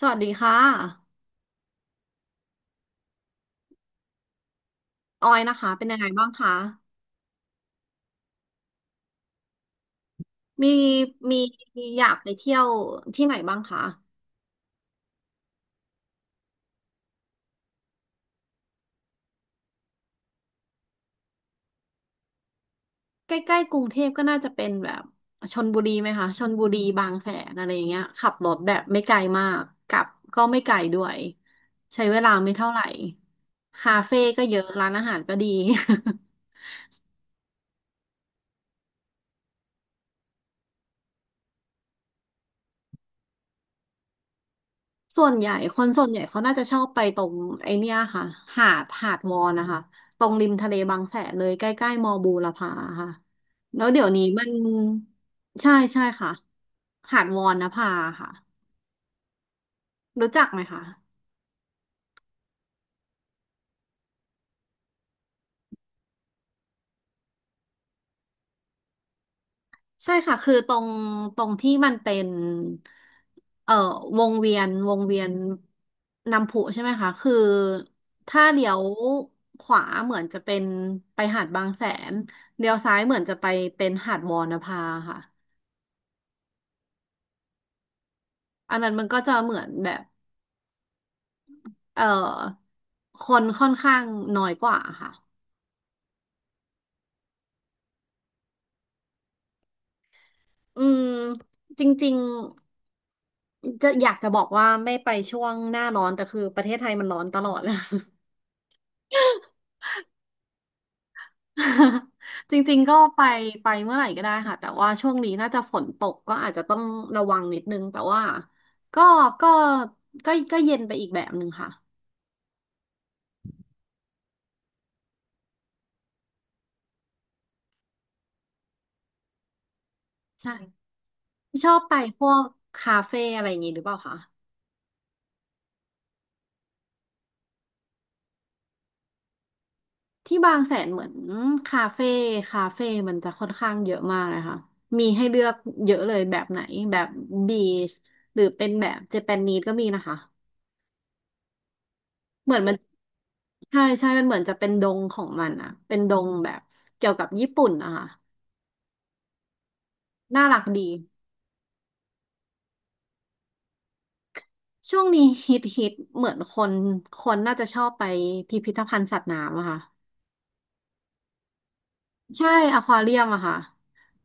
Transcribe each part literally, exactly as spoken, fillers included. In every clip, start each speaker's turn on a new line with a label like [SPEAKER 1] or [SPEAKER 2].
[SPEAKER 1] สวัสดีค่ะออยนะคะเป็นยังไงบ้างคะมีมีมีอยากไปเที่ยวที่ไหนบ้างคะใกล้ๆกรุงเทพก็น่าจะเป็นแบบชลบุรีไหมคะชลบุรีบางแสนอะไรอย่างเงี้ยขับรถแบบไม่ไกลมากกลับก็ไม่ไกลด้วยใช้เวลาไม่เท่าไหร่คาเฟ่ก็เยอะร้านอาหารก็ดี ส่วนใหญ่คนส่วนใหญ่เขาน่าจะชอบไปตรงไอเนี้ยค่ะ หาดหาดวอนนะคะตรงริมทะเลบางแสนเลยใกล้ๆมอบูรพาค่ะ แล้วเดี๋ยวนี้มันใช่ใช่ค่ะ หาดวอนนภาค่ะรู้จักไหมคะใช่ค่ะคือตรงตรงที่มันเป็นเอ่อวงเวียนวงเวียนน้ำพุใช่ไหมคะคือถ้าเลี้ยวขวาเหมือนจะเป็นไปหาดบางแสนเลี้ยวซ้ายเหมือนจะไปเป็นหาดวอนภาค่ะ อันนั้นมันก็จะเหมือนแบบเอ่อคนค่อนข้างน้อยกว่าค่ะอืมจริงๆจะอยากจะบอกว่าไม่ไปช่วงหน้าร้อนแต่คือประเทศไทยมันร้อนตลอด จริงๆก็ไปไปเมื่อไหร่ก็ได้ค่ะแต่ว่าช่วงนี้น่าจะฝนตกก็อาจจะต้องระวังนิดนึงแต่ว่าก็ก็ก็ก็เย็นไปอีกแบบหนึ่งค่ะใช่ชอบไปพวกคาเฟ่อะไรอย่างงี้หรือเปล่าคะ ที่บางแสนเหมือนคาเฟ่คาเฟ่มันจะค่อนข้างเยอะมากเลยค่ะมีให้เลือกเยอะเลยแบบไหนแบบบีชหรือเป็นแบบเจแปนนีสก็มีนะคะเหมือนมันใช่ใช่มันเหมือนจะเป็นดงของมันอะเป็นดงแบบเกี่ยวกับญี่ปุ่นนะคะน่ารักดีช่วงนี้ฮิตฮิตเหมือนคนคนน่าจะชอบไปพิพิธภัณฑ์สัตว์น้ำอะค่ะใช่อควาเรียมอะค่ะ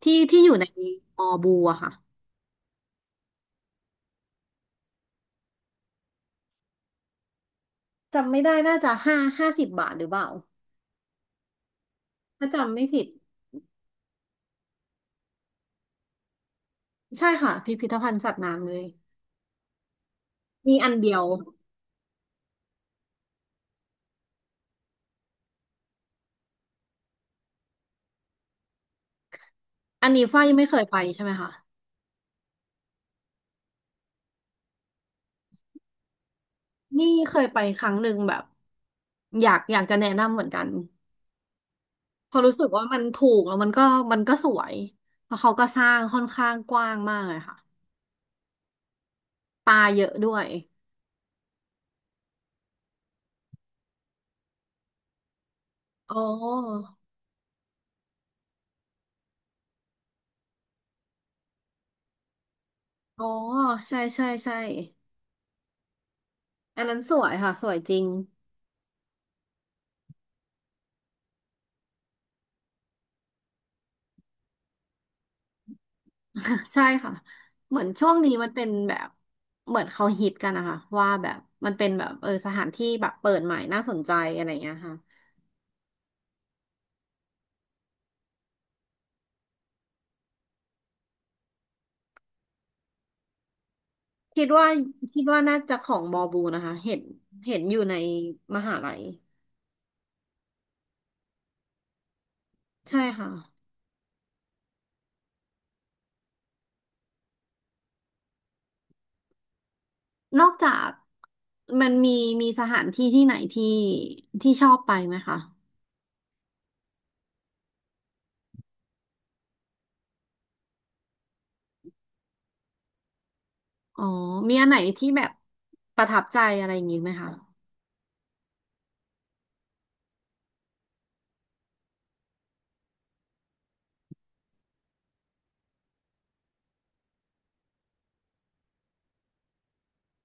[SPEAKER 1] ที่ที่อยู่ในมอบูอะค่ะจำไม่ได้น่าจะห้าห้าสิบบาทหรือเปล่า ถ้าจำไม่ผิดใช่ค่ะพิพิธภัณฑ์สัตว์น้ำเลยมีอันเดียวอันนี้ฝ้ายยังไม่เคยไปใช่ไหมคะนี่เคยไปครั้งหนึ่งแบบอยากอยากจะแนะนำเหมือนกันเพอราะรู้สึกว่ามันถูกแล้วมันก็มันก็สวยเพราะเขาก็สร้างค่อนข้างกว้างมากเลยค่ะปลาเยอะด้วยอ๋ออ๋อใช่ใช่ใช่อันนั้นสวยค่ะสวยจริง ใช่ค่ะเหมือนช่วงนี้มันเป็นแบบเหมือนเขาฮิตกันนะคะว่าแบบมันเป็นแบบเออสถานที่แบบเปิดใหม่น่าสนใจอะไรอย่างเงี้ยค่ะคิดว่าคิดว่าน่าจะของมอบูนะคะเห็นเห็นอยู่ในมหาลัยใช่ค่ะนอกจากมันมีมีสถานที่ที่ไหนที่ที่ชอบไปไหมคะอ๋อมีอันไหนที่แบบประทับใจอะไรอย่างงี้ไหมคะ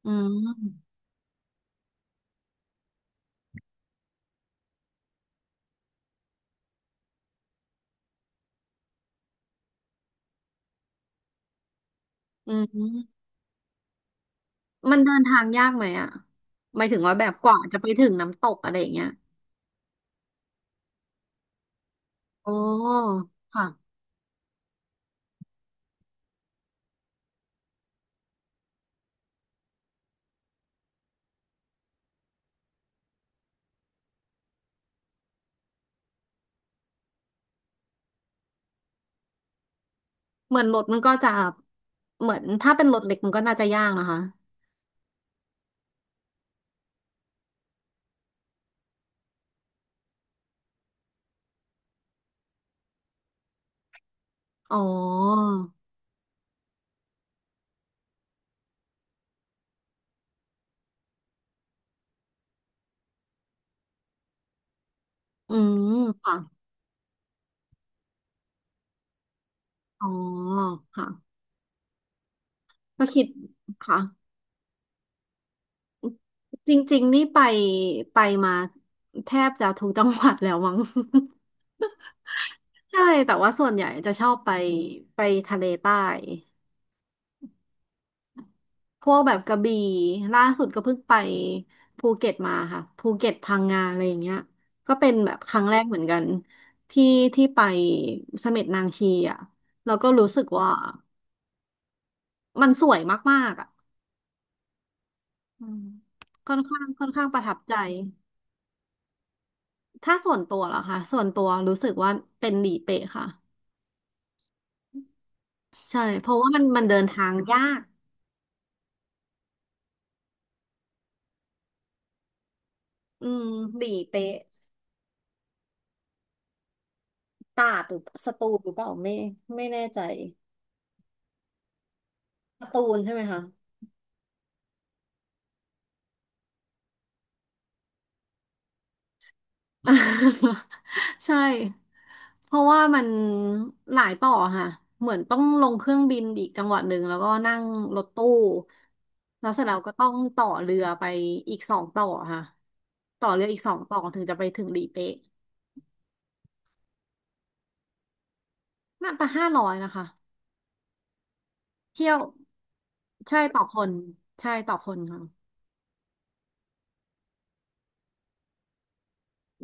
[SPEAKER 1] อืมอืม มันเดินทางยากไหมอ่ะหมายถึงว่าแบบกว่าจะไปถึงน้ำตกอะไรอย่างเงี้ยโอ้ค่ะเหมือนรถมันก็จะเหมือนถ้าเป็นรถเล็กมันก็น่าจะยากนะคะอ๋ออืมค่ะอ๋อค่ะก็คิดค่ะจริงๆนี่ไปไปมาแทบจะทุกจังหวัดแล้วมั้ง ใช่แต่ว่าส่วนใหญ่จะชอบไปไปทะเลใต้ พวกแบบกระบี่ล่าสุดก็เพิ่งไปภูเก็ตมาค่ะภูเก็ตพังงาอะไรอย่างเงี้ยก็เป็นแบบครั้งแรกเหมือนกันที่ที่ไปเสม็ดนางชีอ่ะแล้วก็รู้สึกว่ามันสวยมากๆอ่ะอืมค่อนข้างค่อนข้างประทับใจถ้าส่วนตัวเหรอคะส่วนตัวรู้สึกว่าเป็นหลีเป๊ะค่ะใช่เพราะว่ามันมันเดินทางยากอืมหลีเป๊ะตราดหรือสตูลหรือเปล่าไม่ไม่แน่ใจสตูลใช่ไหมคะ ใช่เพราะว่ามันหลายต่อค่ะเหมือนต้องลงเครื่องบินอีกจังหวัดหนึ่งแล้วก็นั่งรถตู้แล้วเสร็จแล้วก็ต้องต่อเรือไปอีกสองต่อค่ะต่อเรืออีกสองต่อถึงจะไปถึงหลีเป๊ะน่าจะห้าร้อยนะคะเที่ยวใช่ต่อคนใช่ต่อคนค่ะ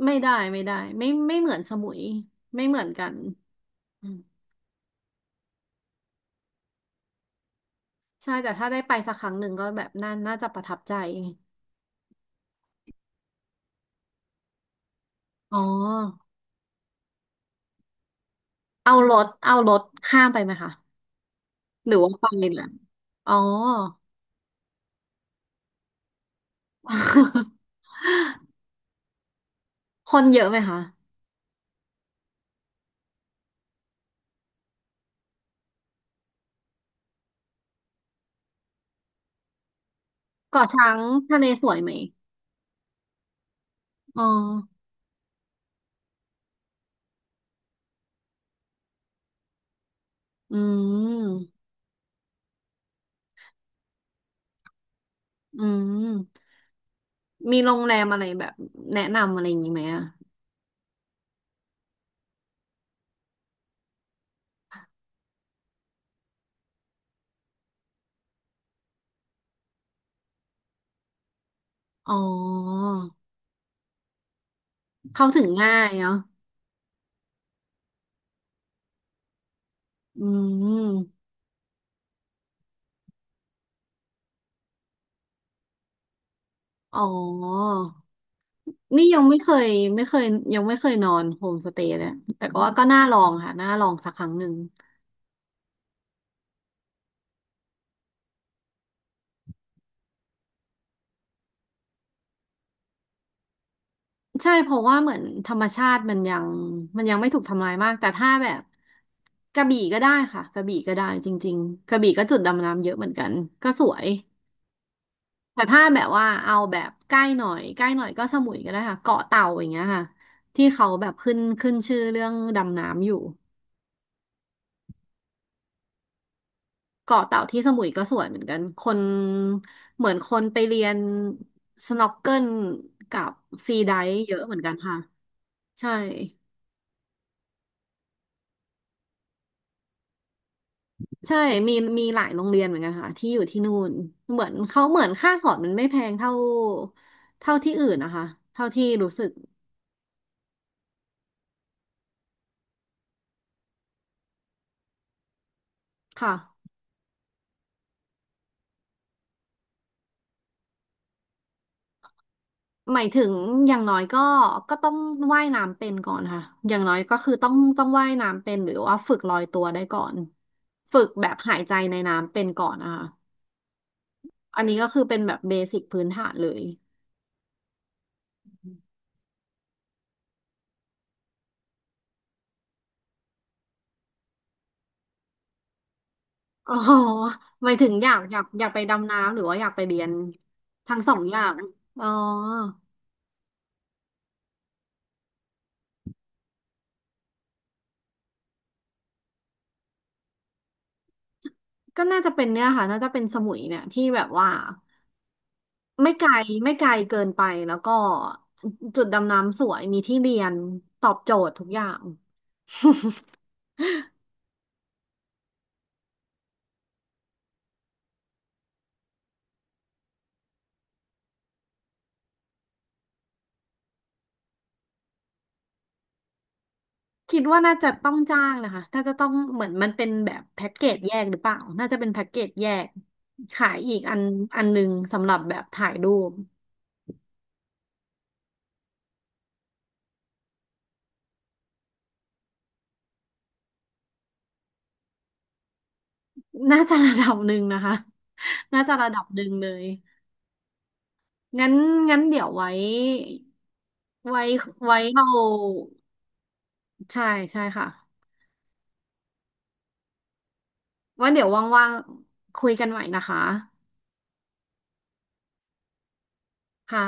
[SPEAKER 1] ไม่ได้ไม่ได้ไม่ไม่เหมือนสมุยไม่เหมือนกันอืมใช่แต่ถ้าได้ไปสักครั้งหนึ่งก็แบบน่าน่าจะประทับใจอ๋อ เอารถเอารถข้ามไปไหมคะหรือว่าไปเลยนะอ๋อ คนเยอะไหมคะเกาะช้างทะเลสวยไหมอ๋ออืมอืมมีโรงแรมอะไรแบบแนะนำอะไรอย่างนี้ไหมอะอ๋อเข้าถึงง่ายเนาะอืมอ๋อนี่ยังไม่เคยไม่เคยยังไม่เคยนอนโฮมสเตย์เลยแต่ก็ว่าก็น่าลองค่ะน่าลองสักครั้งหนึ่ง ใช่เพราะว่าเหมือนธรรมชาติมันยังมันยังไม่ถูกทำลายมากแต่ถ้าแบบกระบี่ก็ได้ค่ะกระบี่ก็ได้จริงๆกระบี่ก็จุดดำน้ำเยอะเหมือนกันก็สวยแต่ถ้าแบบว่าเอาแบบใกล้หน่อยใกล้หน่อยก็สมุยก็ได้ค่ะเกาะเต่าอย่างเงี้ยค่ะที่เขาแบบขึ้นขึ้นชื่อเรื่องดำน้ำอยู่เกาะเต่าที่สมุยก็สวยเหมือนกันคนเหมือนคนไปเรียนสน็อกเกิลกับฟรีไดฟ์เยอะเหมือนกันค่ะใช่ ใช่มีมีหลายโรงเรียนเหมือนกันค่ะที่อยู่ที่นู่นเหมือนเขาเหมือนค่าสอนมันไม่แพงเท่าเท่าที่อื่นนะคะเท่าที่รู้สึกค่ะหมายถึงอย่างน้อยก็ก็ต้องว่ายน้ำเป็นก่อนค่ะอย่างน้อยก็คือต้องต้องว่ายน้ำเป็นหรือว่าฝึกลอยตัวได้ก่อนฝึกแบบหายใจในน้ำเป็นก่อนนะคะอันนี้ก็คือเป็นแบบเบสิกพื้นฐานเลยอ๋อหมายถึงอยากอยากอยากไปดำน้ำหรือว่าอยากไปเรียนทั้งสองอย่างอ๋อ ก็น่าจะเป็นเนี่ยค่ะน่าจะเป็นสมุยเนี่ยที่แบบว่าไม่ไกลไม่ไกลเกินไปแล้วก็จุดดำน้ำสวยมีที่เรียนตอบโจทย์ทุกอย่าง คิดว่าน่าจะต้องจ้างนะคะน่าจะต้องเหมือนมันเป็นแบบแพ็กเกจแยกหรือเปล่าน่าจะเป็นแพ็กเกจแยกขายอีกอันอันหนึ่งสำหรับแบบถ่ายรูปน่าจะระดับหนึ่งนะคะ น่าจะระดับหนึ่งเลยงั้นงั้นเดี๋ยวไว้ไว้ไว้เราใช่ใช่ค่ะ ว่าเดี๋ยวว่างๆคุยกันใหม่นะคะค่ะ